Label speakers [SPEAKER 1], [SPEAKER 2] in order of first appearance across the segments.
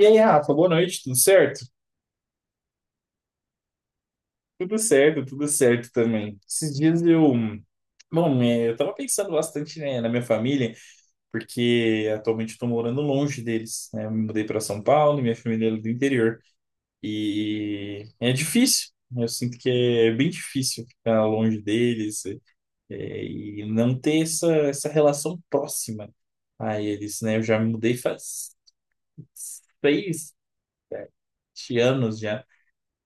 [SPEAKER 1] E aí, Rafa, boa noite, tudo certo? Tudo certo, tudo certo também. Esses dias eu. Bom, eu tava pensando bastante, né, na minha família, porque atualmente eu tô morando longe deles, né? Eu me mudei para São Paulo e minha família é do interior. E é difícil, né? Eu sinto que é bem difícil ficar longe deles, e não ter essa relação próxima a eles, né? Eu já me mudei faz 6 7 anos já,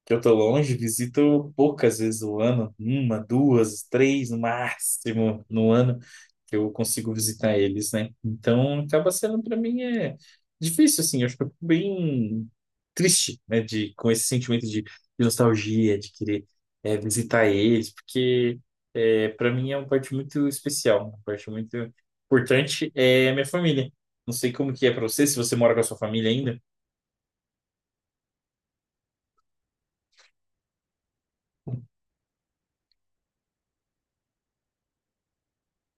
[SPEAKER 1] que eu tô longe, visito poucas vezes o ano, uma, duas, três no máximo no ano que eu consigo visitar eles, né? Então acaba sendo para mim difícil assim, eu acho que eu fico bem triste, né, de com esse sentimento de nostalgia, de querer visitar eles, porque para mim é uma parte muito especial, uma parte muito importante é a minha família. Não sei como que é para você, se você mora com a sua família ainda.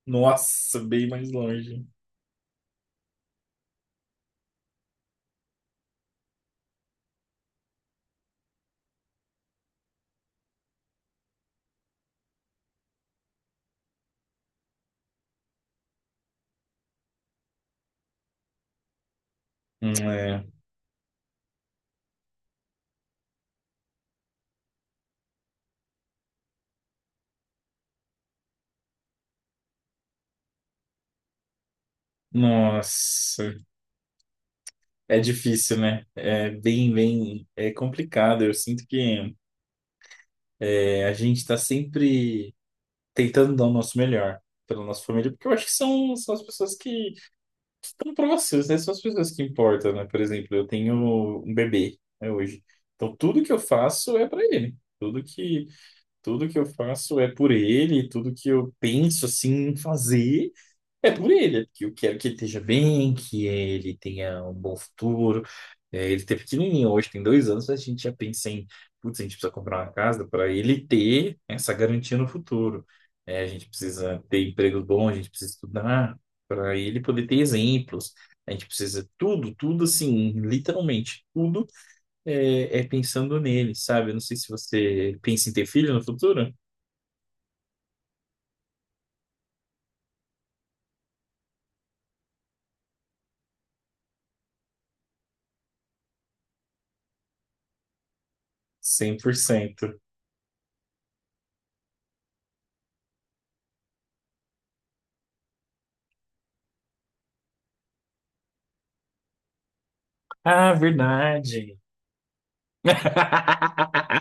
[SPEAKER 1] Nossa, bem mais longe. Hum. É. Nossa, é difícil, né? É bem, bem, é complicado. Eu sinto que a gente está sempre tentando dar o nosso melhor pela nossa família, porque eu acho que são as pessoas que estão próximas, né? São as pessoas que importam, né? Por exemplo, eu tenho um bebê, né, hoje. Então, tudo que eu faço é para ele. Tudo que, tudo que eu faço é por ele, tudo que eu penso assim em fazer é por ele, é porque eu quero que ele esteja bem, que ele tenha um bom futuro. É, ele tá pequenininho, hoje tem 2 anos, a gente já pensa em, putz, a gente precisa comprar uma casa para ele ter essa garantia no futuro. É, a gente precisa ter emprego bom, a gente precisa estudar para ele poder ter exemplos. A gente precisa tudo, tudo assim, literalmente, tudo é pensando nele, sabe? Eu não sei se você pensa em ter filho no futuro. 100%. Ah, verdade.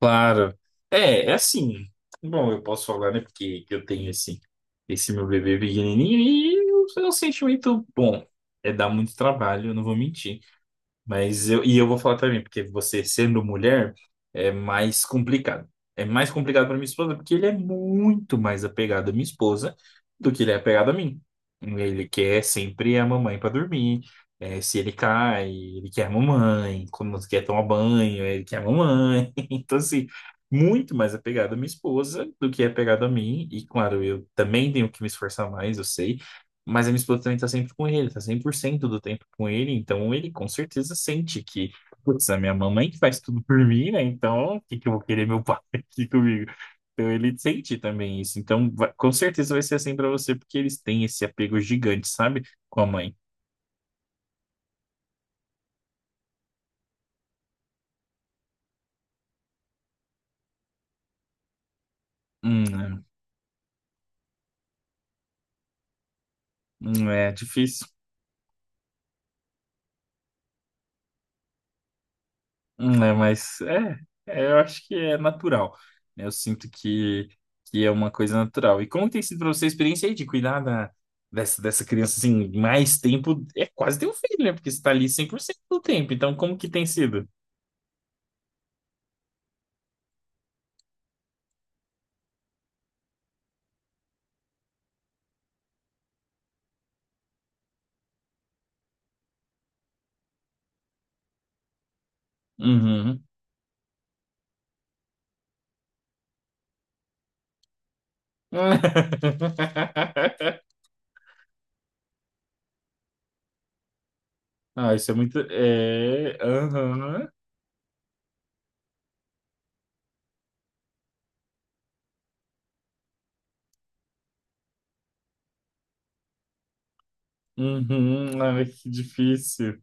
[SPEAKER 1] Claro. É, é assim. Bom, eu posso falar, né? Porque eu tenho esse meu bebê pequenininho é um sentimento bom. É dar muito trabalho, eu não vou mentir. E eu vou falar também, porque você sendo mulher é mais complicado. É mais complicado para minha esposa, porque ele é muito mais apegado à minha esposa do que ele é apegado a mim. Ele quer sempre a mamãe para dormir. É, se ele cai, ele quer a mamãe. Quando quer tomar banho, ele quer a mamãe. Então, assim, muito mais apegado à minha esposa do que é apegado a mim. E, claro, eu também tenho que me esforçar mais, eu sei. Mas a minha esposa também tá sempre com ele, tá 100% do tempo com ele, então ele com certeza sente que, putz, é a minha mamãe que faz tudo por mim, né? Então, o que que eu vou querer meu pai aqui comigo? Então ele sente também isso. Então, com certeza vai ser assim pra você, porque eles têm esse apego gigante, sabe? Com a mãe. Hum. É. É difícil. Né, mas é, eu acho que é natural, né? Eu sinto que é uma coisa natural. E como tem sido para você a experiência aí de cuidar dessa criança assim, mais tempo? É quase ter um filho, né? Porque você está ali 100% do tempo. Então, como que tem sido? Uhum. Ah, isso é muito. É. Aham. Uhum. Ai, que difícil.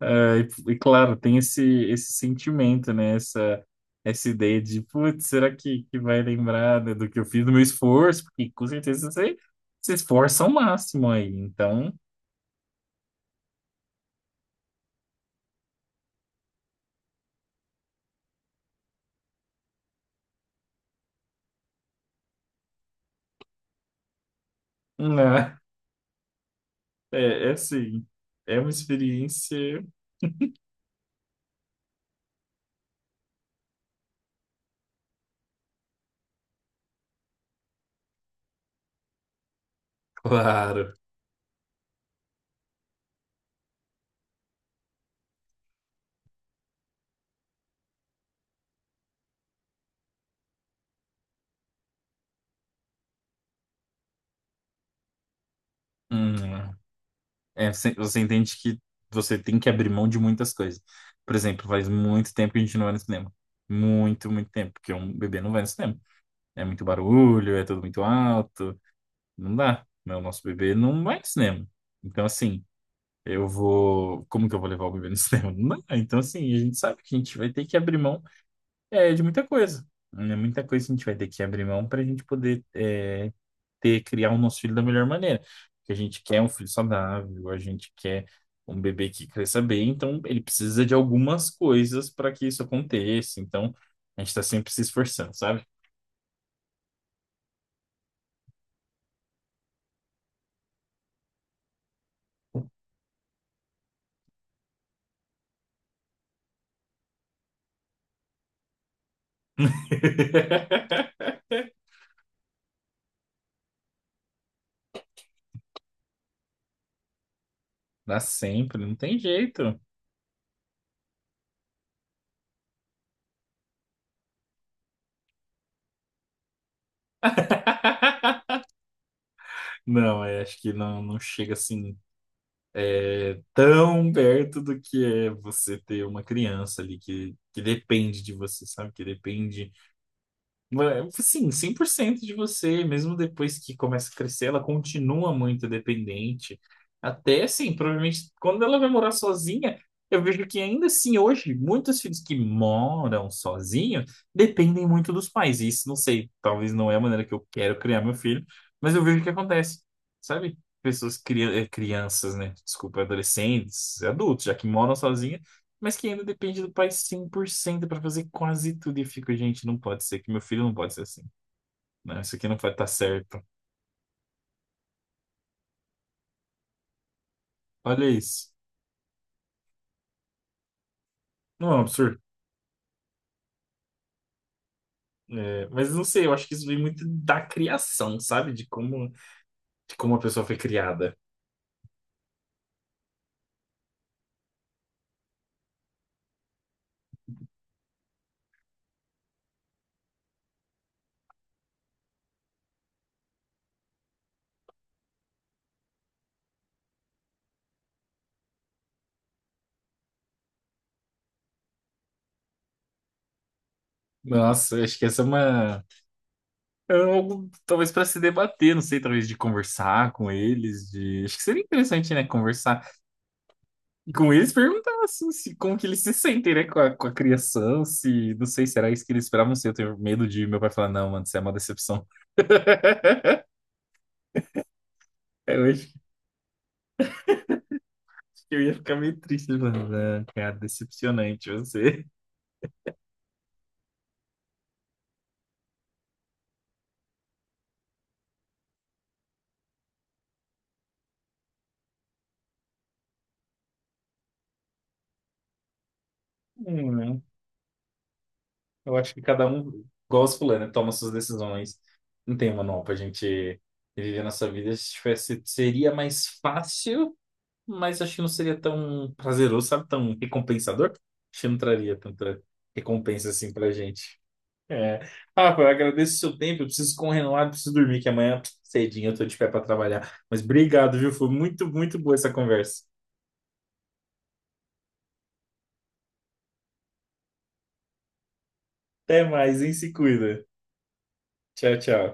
[SPEAKER 1] É, claro, tem esse sentimento, né? Essa ideia de, putz, será que vai lembrar, né, do que eu fiz, do meu esforço? Porque com certeza você se esforça ao máximo aí. Então, né? É assim, é uma experiência, claro. Hum, você entende que você tem que abrir mão de muitas coisas. Por exemplo, faz muito tempo que a gente não vai no cinema. Muito, muito tempo, porque um bebê não vai no cinema. É muito barulho, é tudo muito alto. Não dá, né? O nosso bebê não vai no cinema. Então, assim, eu vou. Como que eu vou levar o bebê no cinema? Não dá. Então, assim, a gente sabe que a gente vai ter que abrir mão de muita coisa. Né? Muita coisa a gente vai ter que abrir mão para a gente poder criar o nosso filho da melhor maneira. Porque a gente quer um filho saudável, a gente quer um bebê que cresça bem, então ele precisa de algumas coisas para que isso aconteça. Então, a gente está sempre se esforçando, sabe? Dá sempre, não tem jeito. Não, acho que não, não chega assim tão perto do que é você ter uma criança ali que depende de você, sabe? Que depende Sim, 100% de você, mesmo depois que começa a crescer, ela continua muito dependente. Até assim, provavelmente quando ela vai morar sozinha, eu vejo que ainda assim hoje, muitos filhos que moram sozinhos dependem muito dos pais. E isso não sei, talvez não é a maneira que eu quero criar meu filho, mas eu vejo que acontece, sabe? Pessoas, crianças, né? Desculpa, adolescentes, adultos, já que moram sozinhos mas que ainda depende do pai 100% para fazer quase tudo. E eu fico, gente, não pode ser que meu filho não pode ser assim. Né? Isso aqui não vai estar certo. Olha isso. Não é um absurdo? É, mas não sei, eu acho que isso vem muito da criação, sabe? De como a pessoa foi criada. Nossa, eu acho que essa é uma. É algo, talvez para se debater, não sei, talvez de conversar com eles, de... Acho que seria interessante, né? Conversar. E com eles perguntar assim, se, como que eles se sentem, né, com a criação, se, não sei, será isso que eles esperavam ser? Eu tenho medo de meu pai falar, não, mano, isso é uma decepção. Eu acho que eu ia ficar meio triste, mano, né, cara, decepcionante você. Né? Eu acho que cada um, igual os fulano, toma suas decisões. Não tem manual pra gente viver a nossa vida. Se tivesse, seria mais fácil, mas acho que não seria tão prazeroso, sabe, tão recompensador. Acho que não traria tanta recompensa assim pra gente. É. Rafa, eu agradeço o seu tempo. Eu preciso correr lá, eu preciso dormir, que amanhã cedinho eu tô de pé para trabalhar. Mas obrigado, viu? Foi muito, muito boa essa conversa. Até mais, hein? Se cuida. Tchau, tchau.